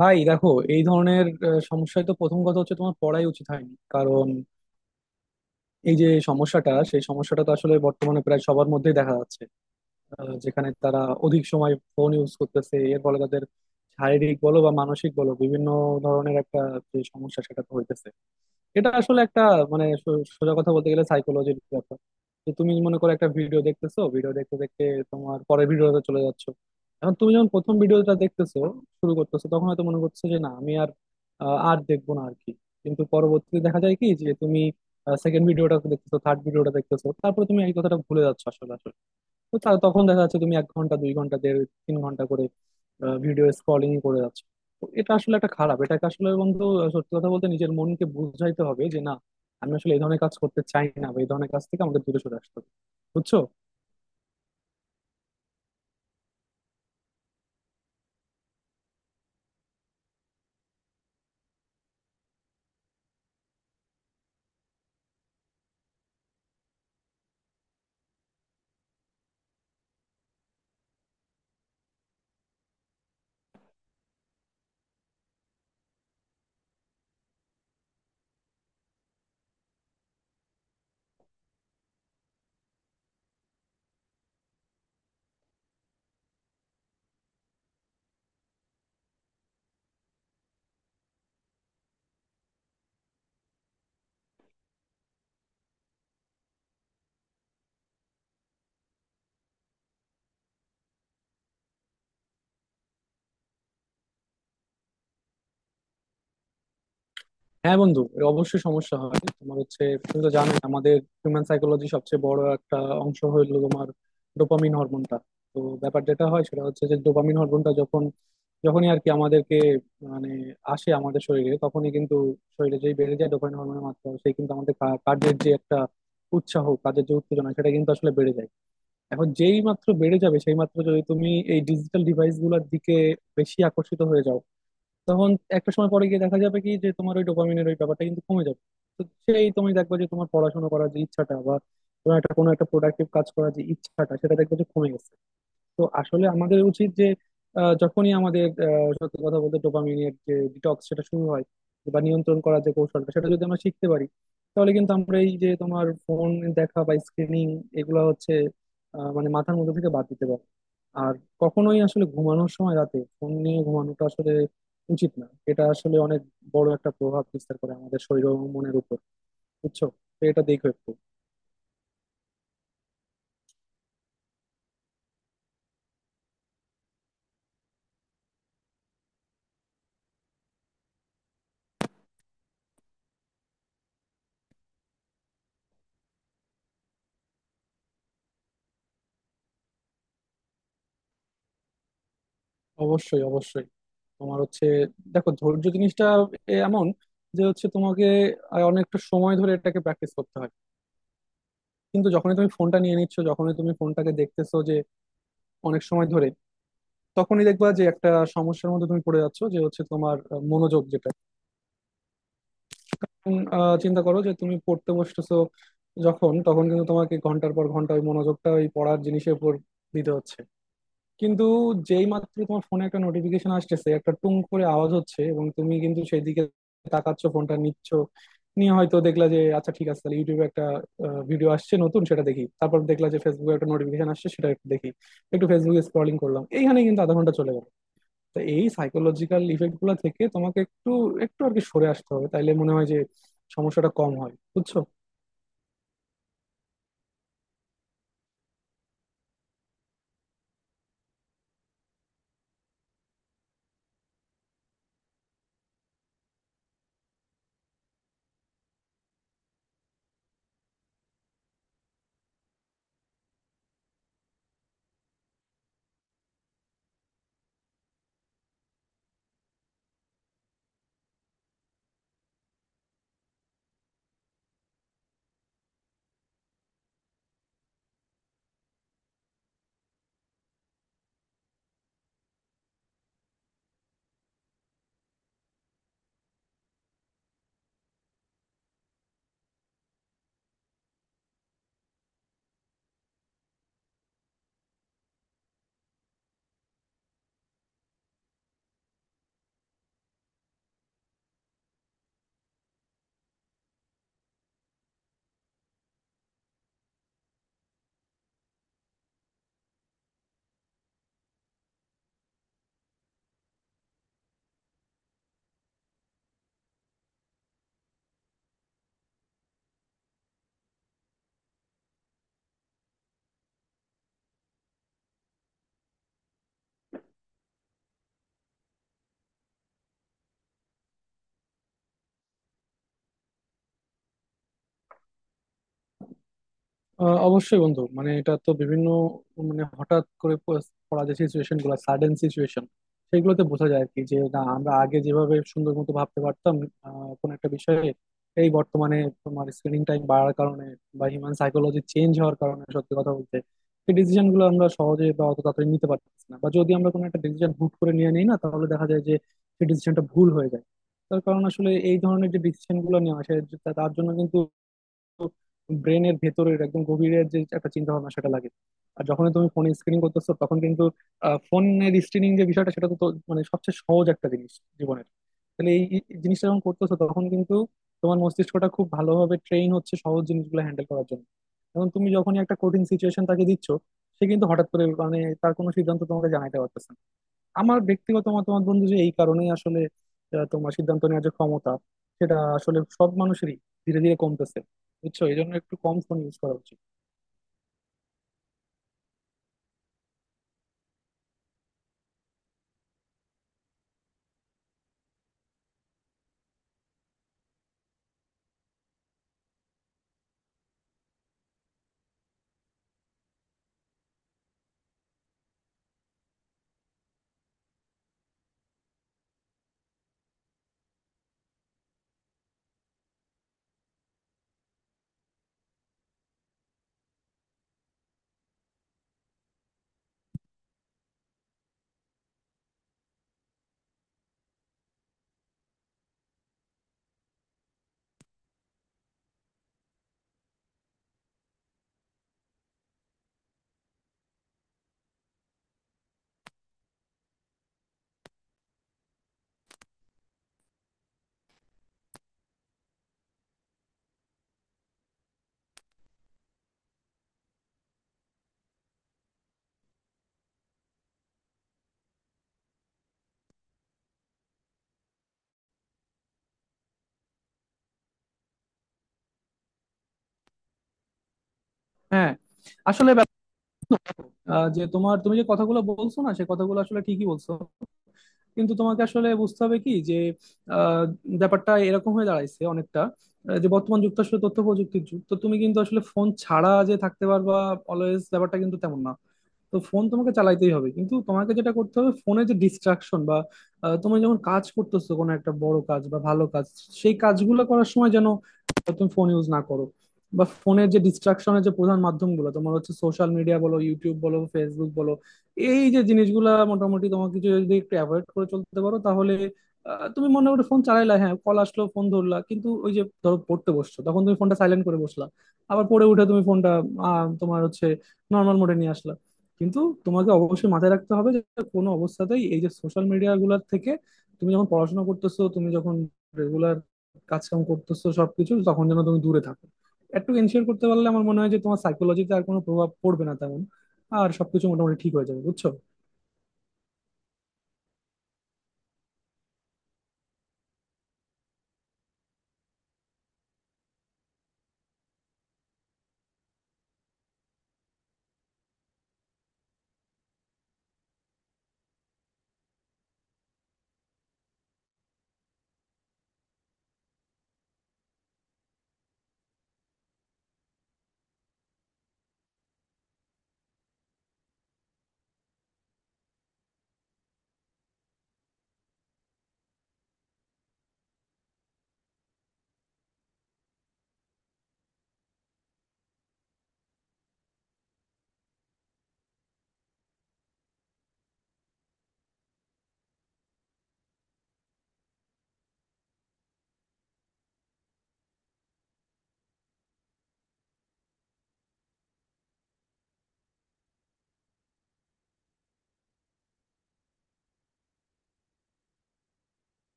ভাই দেখো, এই ধরনের সমস্যায় তো প্রথম কথা হচ্ছে তোমার পড়াই উচিত হয়নি, কারণ এই যে সমস্যাটা সেই সমস্যাটা তো আসলে বর্তমানে প্রায় সবার মধ্যেই দেখা যাচ্ছে। যেখানে তারা অধিক সময় ফোন ইউজ করতেছে, এর ফলে তাদের শারীরিক বলো বা মানসিক বলো বিভিন্ন ধরনের একটা যে সমস্যা সেটা তো হইতেছে। এটা আসলে একটা মানে সোজা কথা বলতে গেলে সাইকোলজির ব্যাপার। যে তুমি মনে করো একটা ভিডিও দেখতেছো, ভিডিও দেখতে দেখতে তোমার পরের ভিডিওতে চলে যাচ্ছ। এখন তুমি যখন প্রথম ভিডিওটা দেখতেছো শুরু করতেছো তখন হয়তো মনে করছো যে না আমি আর আর দেখবো না আর কি। কিন্তু পরবর্তীতে দেখা যায় কি যে তুমি সেকেন্ড ভিডিওটা দেখতেছো, থার্ড ভিডিওটা দেখতেছো, তারপরে তুমি এই কথাটা ভুলে যাচ্ছ আসলে আসলে। তো তখন দেখা যাচ্ছে তুমি 1 ঘন্টা, 2 ঘন্টা, 1.5 3 ঘন্টা করে ভিডিও স্ক্রলিং করে যাচ্ছ। তো এটা আসলে একটা খারাপ, এটাকে আসলে বন্ধু সত্যি কথা বলতে নিজের মনকে বুঝাইতে হবে যে না, আমি আসলে এই ধরনের কাজ করতে চাই না, বা এই ধরনের কাজ থেকে আমাদের দূরে সরে আসতে হবে। বুঝছো? হ্যাঁ বন্ধু, এ অবশ্যই সমস্যা হয়। তোমার হচ্ছে, তুমি তো জানোই আমাদের হিউম্যান সাইকোলজি সবচেয়ে বড় একটা অংশ হলো তোমার ডোপামিন হরমোনটা। তো ব্যাপার যেটা হয় সেটা হচ্ছে যে ডোপামিন হরমোনটা যখনই আর কি আমাদেরকে মানে আসে আমাদের শরীরে, তখনই কিন্তু শরীরে যেই বেড়ে যায় ডোপামিন হরমোনের মাত্রা, সেই কিন্তু আমাদের কাজের যে একটা উৎসাহ, কাজের যে উত্তেজনা সেটা কিন্তু আসলে বেড়ে যায়। এখন যেই মাত্র বেড়ে যাবে সেই মাত্র যদি তুমি এই ডিজিটাল ডিভাইস গুলোর দিকে বেশি আকর্ষিত হয়ে যাও, তখন একটা সময় পরে গিয়ে দেখা যাবে কি যে তোমার ওই ডোপামিনের ওই ব্যাপারটা কিন্তু কমে যাবে। তো সেই তুমি দেখবে যে তোমার পড়াশোনা করার যে ইচ্ছাটা বা তোমার একটা কোনো একটা প্রোডাক্টিভ কাজ করার যে ইচ্ছাটা সেটা দেখবে যে কমে গেছে। তো আসলে আমাদের উচিত যে যখনই আমাদের সত্যি কথা বলতে ডোপামিনের যে ডিটক্স সেটা শুরু হয় বা নিয়ন্ত্রণ করার যে কৌশলটা সেটা যদি আমরা শিখতে পারি, তাহলে কিন্তু আমরা এই যে তোমার ফোন দেখা বা স্ক্রিনিং এগুলো হচ্ছে মানে মাথার মধ্যে থেকে বাদ দিতে পারবো। আর কখনোই আসলে ঘুমানোর সময় রাতে ফোন নিয়ে ঘুমানোটা আসলে উচিত না। এটা আসলে অনেক বড় একটা প্রভাব বিস্তার করে আমাদের শরীর ও মনের উপর। বুঝছো? তো এটা দেখো একটু। অবশ্যই, অবশ্যই। তোমার হচ্ছে, দেখো ধৈর্য জিনিসটা এমন, যে হচ্ছে তোমাকে অনেকটা সময় ধরে এটাকে প্র্যাকটিস করতে হয়। কিন্তু যখনই তুমি ফোনটা নিয়ে নিচ্ছ, যখনই তুমি ফোনটাকে দেখতেছো যে অনেক সময় ধরে, তখনই দেখবা যে একটা সমস্যার মধ্যে তুমি পড়ে যাচ্ছ, যে হচ্ছে তোমার মনোযোগ যেটা, চিন্তা করো যে তুমি পড়তে বসতেছো যখন, তখন কিন্তু তোমাকে ঘন্টার পর ঘন্টা ওই মনোযোগটা ওই পড়ার জিনিসের উপর দিতে হচ্ছে। কিন্তু যেই মাত্র তোমার ফোনে একটা নোটিফিকেশন আসতেছে, একটা টুং করে আওয়াজ হচ্ছে, এবং তুমি কিন্তু সেদিকে তাকাচ্ছ, ফোনটা নিচ্ছ, নিয়ে হয়তো দেখলা যে আচ্ছা ঠিক আছে, তাহলে ইউটিউবে একটা ভিডিও আসছে নতুন, সেটা দেখি। তারপর দেখলা যে ফেসবুকে একটা নোটিফিকেশন আসছে, সেটা একটু দেখি, একটু ফেসবুকে স্ক্রলিং করলাম, এইখানে কিন্তু আধা ঘন্টা চলে গেল। তো এই সাইকোলজিক্যাল ইফেক্ট গুলো থেকে তোমাকে একটু একটু আর কি সরে আসতে হবে, তাইলে মনে হয় যে সমস্যাটা কম হয়। বুঝছো? অবশ্যই বন্ধু, মানে এটা তো বিভিন্ন মানে হঠাৎ করে পড়া যে সিচুয়েশন গুলো, সাডেন সিচুয়েশন, সেগুলোতে বোঝা যায় আর কি যে না আমরা আগে যেভাবে সুন্দর মতো ভাবতে পারতাম কোনো একটা বিষয়ে, এই বর্তমানে তোমার স্ক্রিনিং টাইম বাড়ার কারণে বা হিউম্যান সাইকোলজি চেঞ্জ হওয়ার কারণে, সত্যি কথা বলতে এই ডিসিশন গুলো আমরা সহজে বা অত তাড়াতাড়ি নিতে পারতেছি না, বা যদি আমরা কোনো একটা ডিসিশন হুট করে নিয়ে নিই না, তাহলে দেখা যায় যে সেই ডিসিশনটা ভুল হয়ে যায়। তার কারণ আসলে এই ধরনের যে ডিসিশন গুলো নেওয়া হয় তার জন্য কিন্তু ব্রেনের ভেতরের একদম গভীরের যে একটা চিন্তা ভাবনা সেটা লাগে। আর যখন তুমি ফোন স্ক্রিনিং করতেছো তখন কিন্তু ফোনের স্ক্রিনিং যে বিষয়টা সেটা তো তো মানে সবচেয়ে সহজ একটা জিনিস জীবনের। তাহলে এই এই জিনিসটা যখন করতেছো তখন কিন্তু তোমার মস্তিষ্কটা খুব ভালোভাবে ট্রেন হচ্ছে সহজ জিনিসগুলো হ্যান্ডেল করার জন্য। এখন তুমি যখনই একটা কঠিন সিচুয়েশন তাকে দিচ্ছ, সে কিন্তু হঠাৎ করে মানে তার কোনো সিদ্ধান্ত তোমাকে জানাইতে পারতেছে না। আমার ব্যক্তিগত মতামত বন্ধু যে এই কারণেই আসলে তোমার সিদ্ধান্ত নেওয়ার যে ক্ষমতা সেটা আসলে সব মানুষেরই ধীরে ধীরে কমতেছে। বুঝছো? এই জন্য একটু কম ফোন ইউজ করা উচিত। হ্যাঁ, আসলে যে তোমার, তুমি যে কথাগুলো বলছো না, সে কথাগুলো আসলে ঠিকই বলছো। কিন্তু তোমাকে আসলে বুঝতে হবে কি যে আহ, ব্যাপারটা এরকম হয়ে দাঁড়াইছে অনেকটা, যে বর্তমান যুগ তো আসলে তথ্য প্রযুক্তির যুগ, তো তুমি কিন্তু আসলে ফোন ছাড়া যে থাকতে পারবা অলওয়েজ, ব্যাপারটা কিন্তু তেমন না। তো ফোন তোমাকে চালাইতেই হবে, কিন্তু তোমাকে যেটা করতে হবে, ফোনে যে ডিস্ট্রাকশন বা তুমি যখন কাজ করতেছো কোনো একটা বড় কাজ বা ভালো কাজ, সেই কাজগুলো করার সময় যেন তুমি ফোন ইউজ না করো, বা ফোনের যে ডিস্ট্রাকশনের যে প্রধান মাধ্যমগুলো তোমার হচ্ছে সোশ্যাল মিডিয়া বলো, ইউটিউব বলো, ফেসবুক বলো, এই যে জিনিসগুলা মোটামুটি তোমাকে কিছু যদি একটু অ্যাভয়েড করে চলতে পারো, তাহলে তুমি মনে করো ফোন চালাইলা, হ্যাঁ কল আসলো ফোন ধরলা, কিন্তু ওই যে ধরো পড়তে বসছো তখন তুমি ফোনটা সাইলেন্ট করে বসলা। আবার পড়ে উঠে তুমি ফোনটা তোমার হচ্ছে নর্মাল মোডে নিয়ে আসলা। কিন্তু তোমাকে অবশ্যই মাথায় রাখতে হবে যে কোনো অবস্থাতেই এই যে সোশ্যাল মিডিয়া গুলার থেকে, তুমি যখন পড়াশোনা করতেছো, তুমি যখন রেগুলার কাজকাম করতেছো সবকিছু, তখন যেন তুমি দূরে থাকো। একটু এনশিওর করতে পারলে আমার মনে হয় যে তোমার সাইকোলজিতে আর কোনো প্রভাব পড়বে না তেমন, আর সবকিছু মোটামুটি ঠিক হয়ে যাবে। বুঝছো?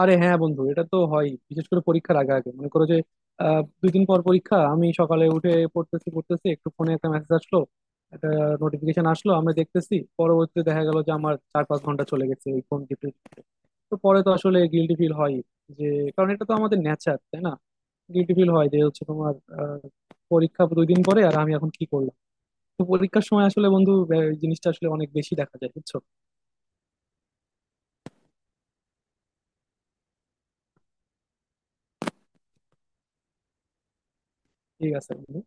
আরে হ্যাঁ বন্ধু, এটা তো হয়, বিশেষ করে পরীক্ষার আগে আগে মনে করো যে 2 দিন পর পরীক্ষা, আমি সকালে উঠে পড়তেছি পড়তেছি, একটু ফোনে একটা মেসেজ আসলো, একটা নোটিফিকেশন আসলো, আমরা দেখতেছি, পরবর্তীতে দেখা গেল যে আমার 4-5 ঘন্টা চলে গেছে এই ফোন টিপতে টিপতে। তো পরে তো আসলে গিল্টি ফিল হয়, যে কারণ এটা তো আমাদের নেচার, তাই না? গিল্টি ফিল হয় যে হচ্ছে তোমার আহ, পরীক্ষা 2 দিন পরে আর আমি এখন কি করলাম। তো পরীক্ষার সময় আসলে বন্ধু এই জিনিসটা আসলে অনেক বেশি দেখা যায়। বুঝছো? ঠিক আছে বন্ধু।